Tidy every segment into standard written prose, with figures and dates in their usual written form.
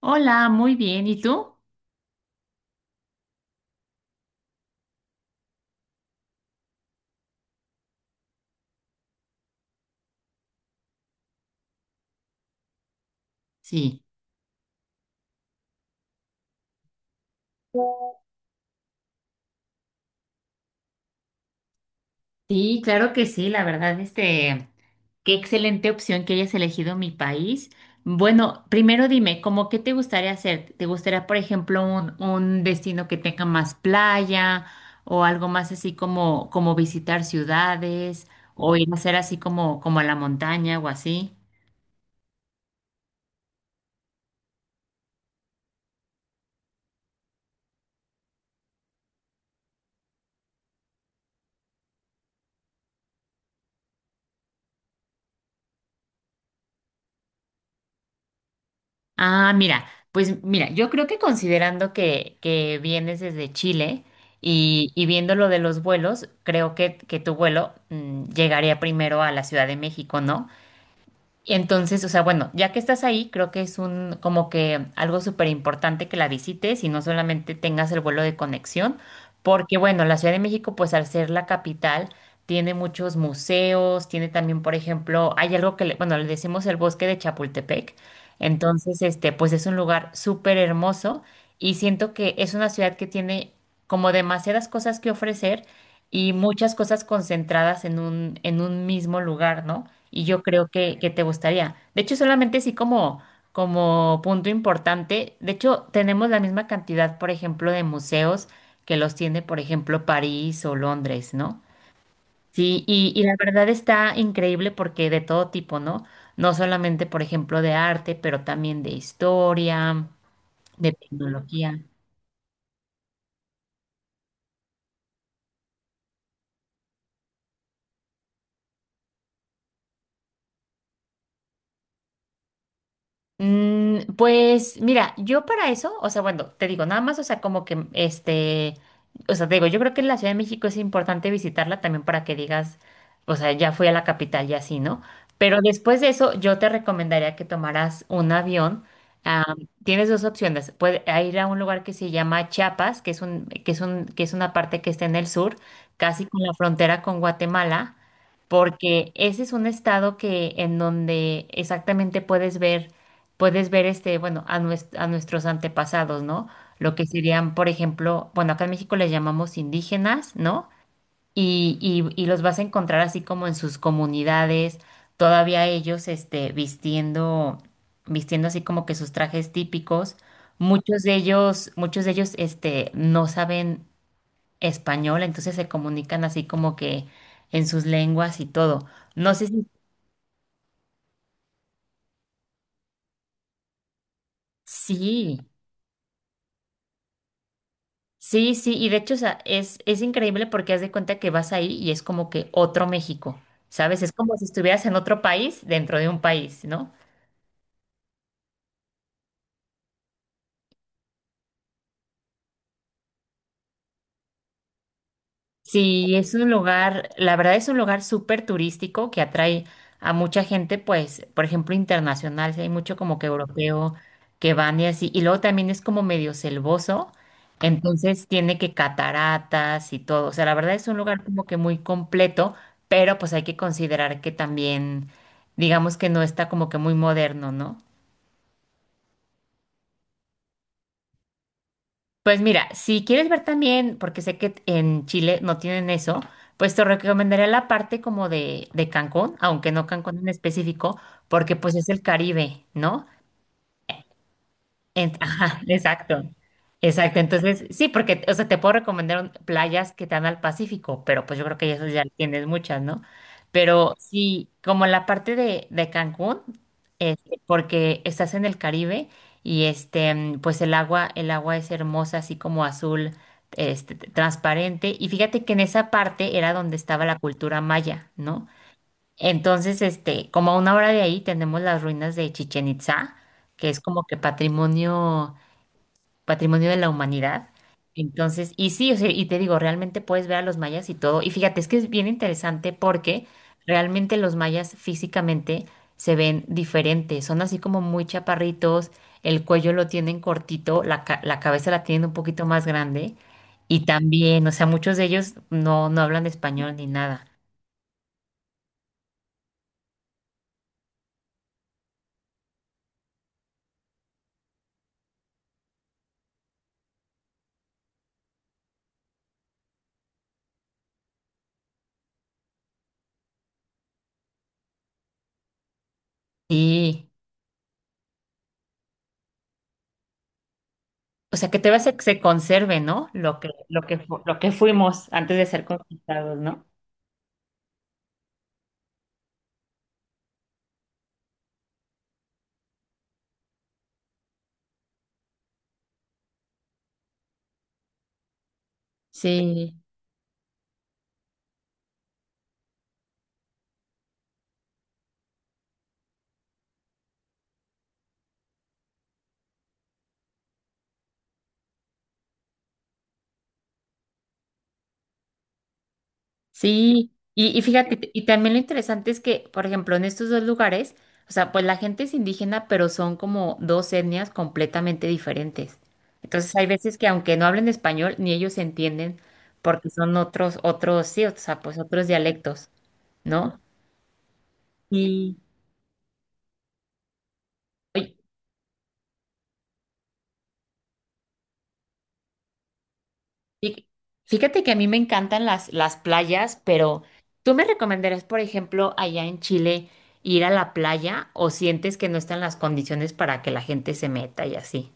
Hola, muy bien. ¿Y tú? Sí. Sí, claro que sí, la verdad, qué excelente opción que hayas elegido mi país. Bueno, primero dime, ¿cómo qué te gustaría hacer? ¿Te gustaría, por ejemplo, un destino que tenga más playa o algo más así como, como visitar ciudades o ir a hacer así como, como a la montaña o así? Ah, mira, pues mira, yo creo que considerando que vienes desde Chile y viendo lo de los vuelos, creo que tu vuelo llegaría primero a la Ciudad de México, ¿no? Y entonces, o sea, bueno, ya que estás ahí, creo que es un como que algo súper importante que la visites y no solamente tengas el vuelo de conexión, porque bueno, la Ciudad de México, pues al ser la capital, tiene muchos museos, tiene también, por ejemplo, hay algo que, le, bueno, le decimos el Bosque de Chapultepec, entonces, pues es un lugar súper hermoso y siento que es una ciudad que tiene como demasiadas cosas que ofrecer y muchas cosas concentradas en un mismo lugar, ¿no? Y yo creo que te gustaría. De hecho, solamente sí como, como punto importante, de hecho, tenemos la misma cantidad, por ejemplo, de museos que los tiene, por ejemplo, París o Londres, ¿no? Sí, y la verdad está increíble porque de todo tipo, ¿no? No solamente, por ejemplo, de arte, pero también de historia, de tecnología. Pues mira, yo para eso, o sea, bueno, te digo, nada más, o sea, como que o sea, te digo, yo creo que la Ciudad de México es importante visitarla también para que digas, o sea, ya fui a la capital y así, ¿no? Pero después de eso, yo te recomendaría que tomaras un avión. Ah, tienes dos opciones. Puedes ir a un lugar que se llama Chiapas, que es una parte que está en el sur, casi con la frontera con Guatemala, porque ese es un estado que en donde exactamente puedes ver bueno, a, nues- a nuestros antepasados, ¿no? Lo que serían, por ejemplo, bueno, acá en México les llamamos indígenas, ¿no? Y los vas a encontrar así como en sus comunidades, todavía ellos, vistiendo así como que sus trajes típicos. Muchos de ellos, no saben español, entonces se comunican así como que en sus lenguas y todo. No sé si, sí. Sí, sí, y de hecho, o sea, es increíble porque haz de cuenta que vas ahí y es como que otro México, ¿sabes? Es como si estuvieras en otro país dentro de un país, ¿no? Sí, es un lugar, la verdad es un lugar súper turístico que atrae a mucha gente, pues, por ejemplo, internacional, sí, hay mucho como que europeo que van y así, y luego también es como medio selvoso, entonces tiene que cataratas y todo, o sea, la verdad es un lugar como que muy completo, pero pues hay que considerar que también, digamos que no está como que muy moderno, ¿no? Pues mira, si quieres ver también, porque sé que en Chile no tienen eso, pues te recomendaría la parte como de Cancún, aunque no Cancún en específico, porque pues es el Caribe, ¿no? En- ajá, exacto. Exacto. Entonces, sí, porque, o sea, te puedo recomendar un- playas que te dan al Pacífico, pero pues yo creo que eso ya tienes muchas, ¿no? Pero sí, como la parte de Cancún, porque estás en el Caribe y pues el agua es hermosa, así como azul, t- transparente. Y fíjate que en esa parte era donde estaba la cultura maya, ¿no? Entonces, como a una hora de ahí tenemos las ruinas de Chichen Itza, que es como que patrimonio de la humanidad. Entonces, y sí, o sea, y te digo, realmente puedes ver a los mayas y todo. Y fíjate, es que es bien interesante porque realmente los mayas físicamente se ven diferentes. Son así como muy chaparritos, el cuello lo tienen cortito, la, ca- la cabeza la tienen un poquito más grande. Y también, o sea, muchos de ellos no hablan español ni nada. Sí. O sea, que te vas a que se conserve, ¿no? Fu- lo que fuimos antes de ser conquistados, ¿no? Sí, sí. Y fíjate, t- y también lo interesante es que, por ejemplo, en estos dos lugares, o sea, pues la gente es indígena, pero son como dos etnias completamente diferentes. Entonces hay veces que aunque no hablen español, ni ellos se entienden porque son otros, sí, o sea, pues otros dialectos, ¿no? Y, Fí- Fíjate que a mí me encantan las playas, pero ¿tú me recomendarías, por ejemplo, allá en Chile ir a la playa o sientes que no están las condiciones para que la gente se meta y así?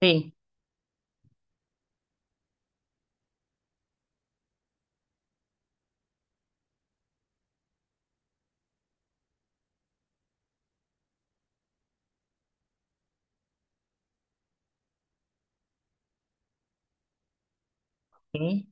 Sí. Sí.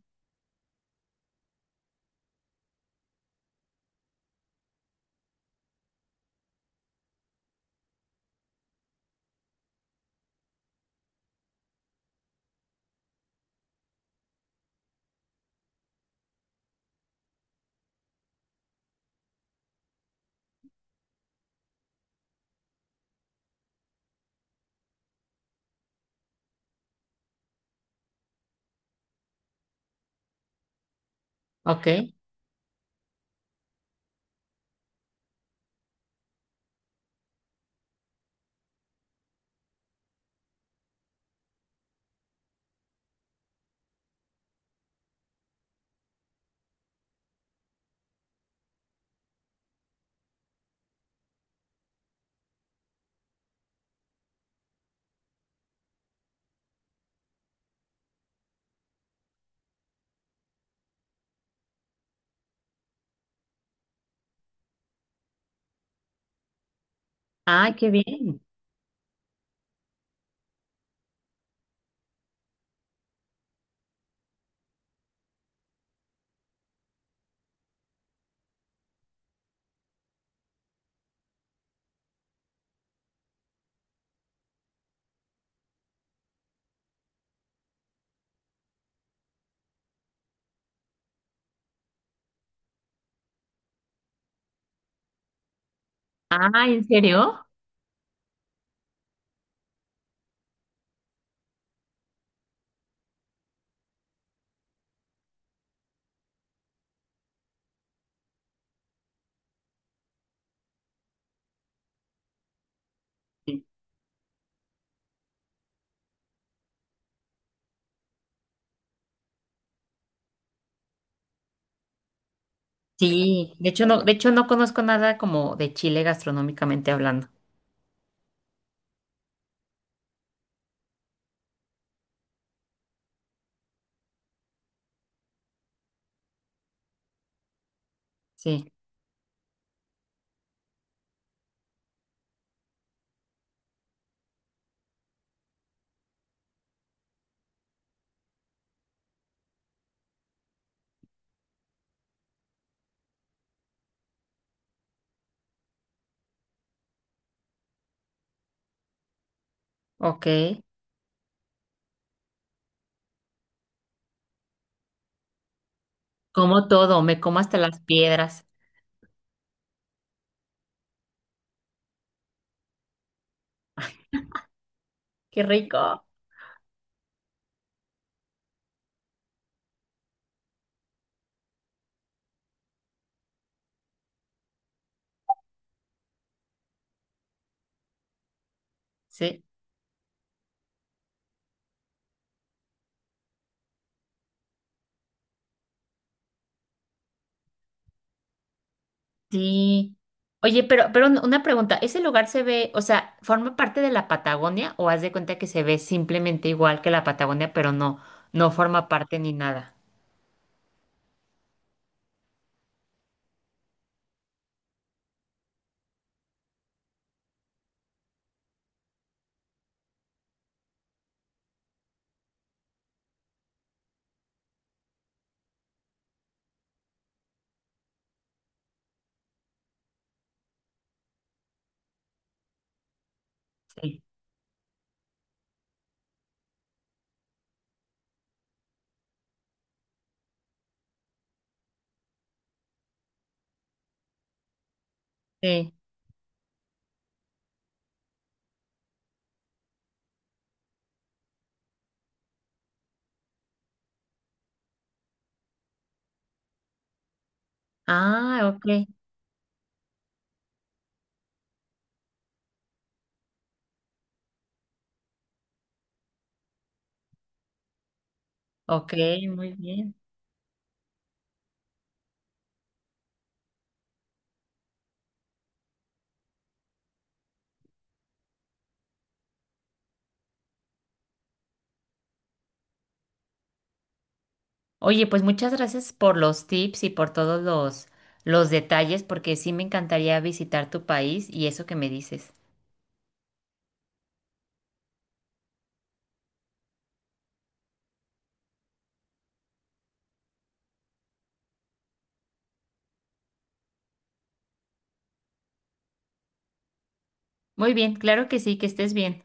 Ok. Ay, qué bien. Ah, ¿en serio? Sí. Sí. De hecho, no conozco nada como de Chile gastronómicamente hablando. Sí. Ok. Como todo, me como hasta las piedras. Qué rico. Sí. Sí. Oye, pero un- una pregunta, ¿ese lugar se ve, o sea, forma parte de la Patagonia o haz de cuenta que se ve simplemente igual que la Patagonia, pero no, no forma parte ni nada? Sí. Sí. Ah, ok, ok, muy bien. Oye, pues muchas gracias por los tips y por todos los detalles, porque sí me encantaría visitar tu país y eso que me dices. Muy bien, claro que sí, que estés bien.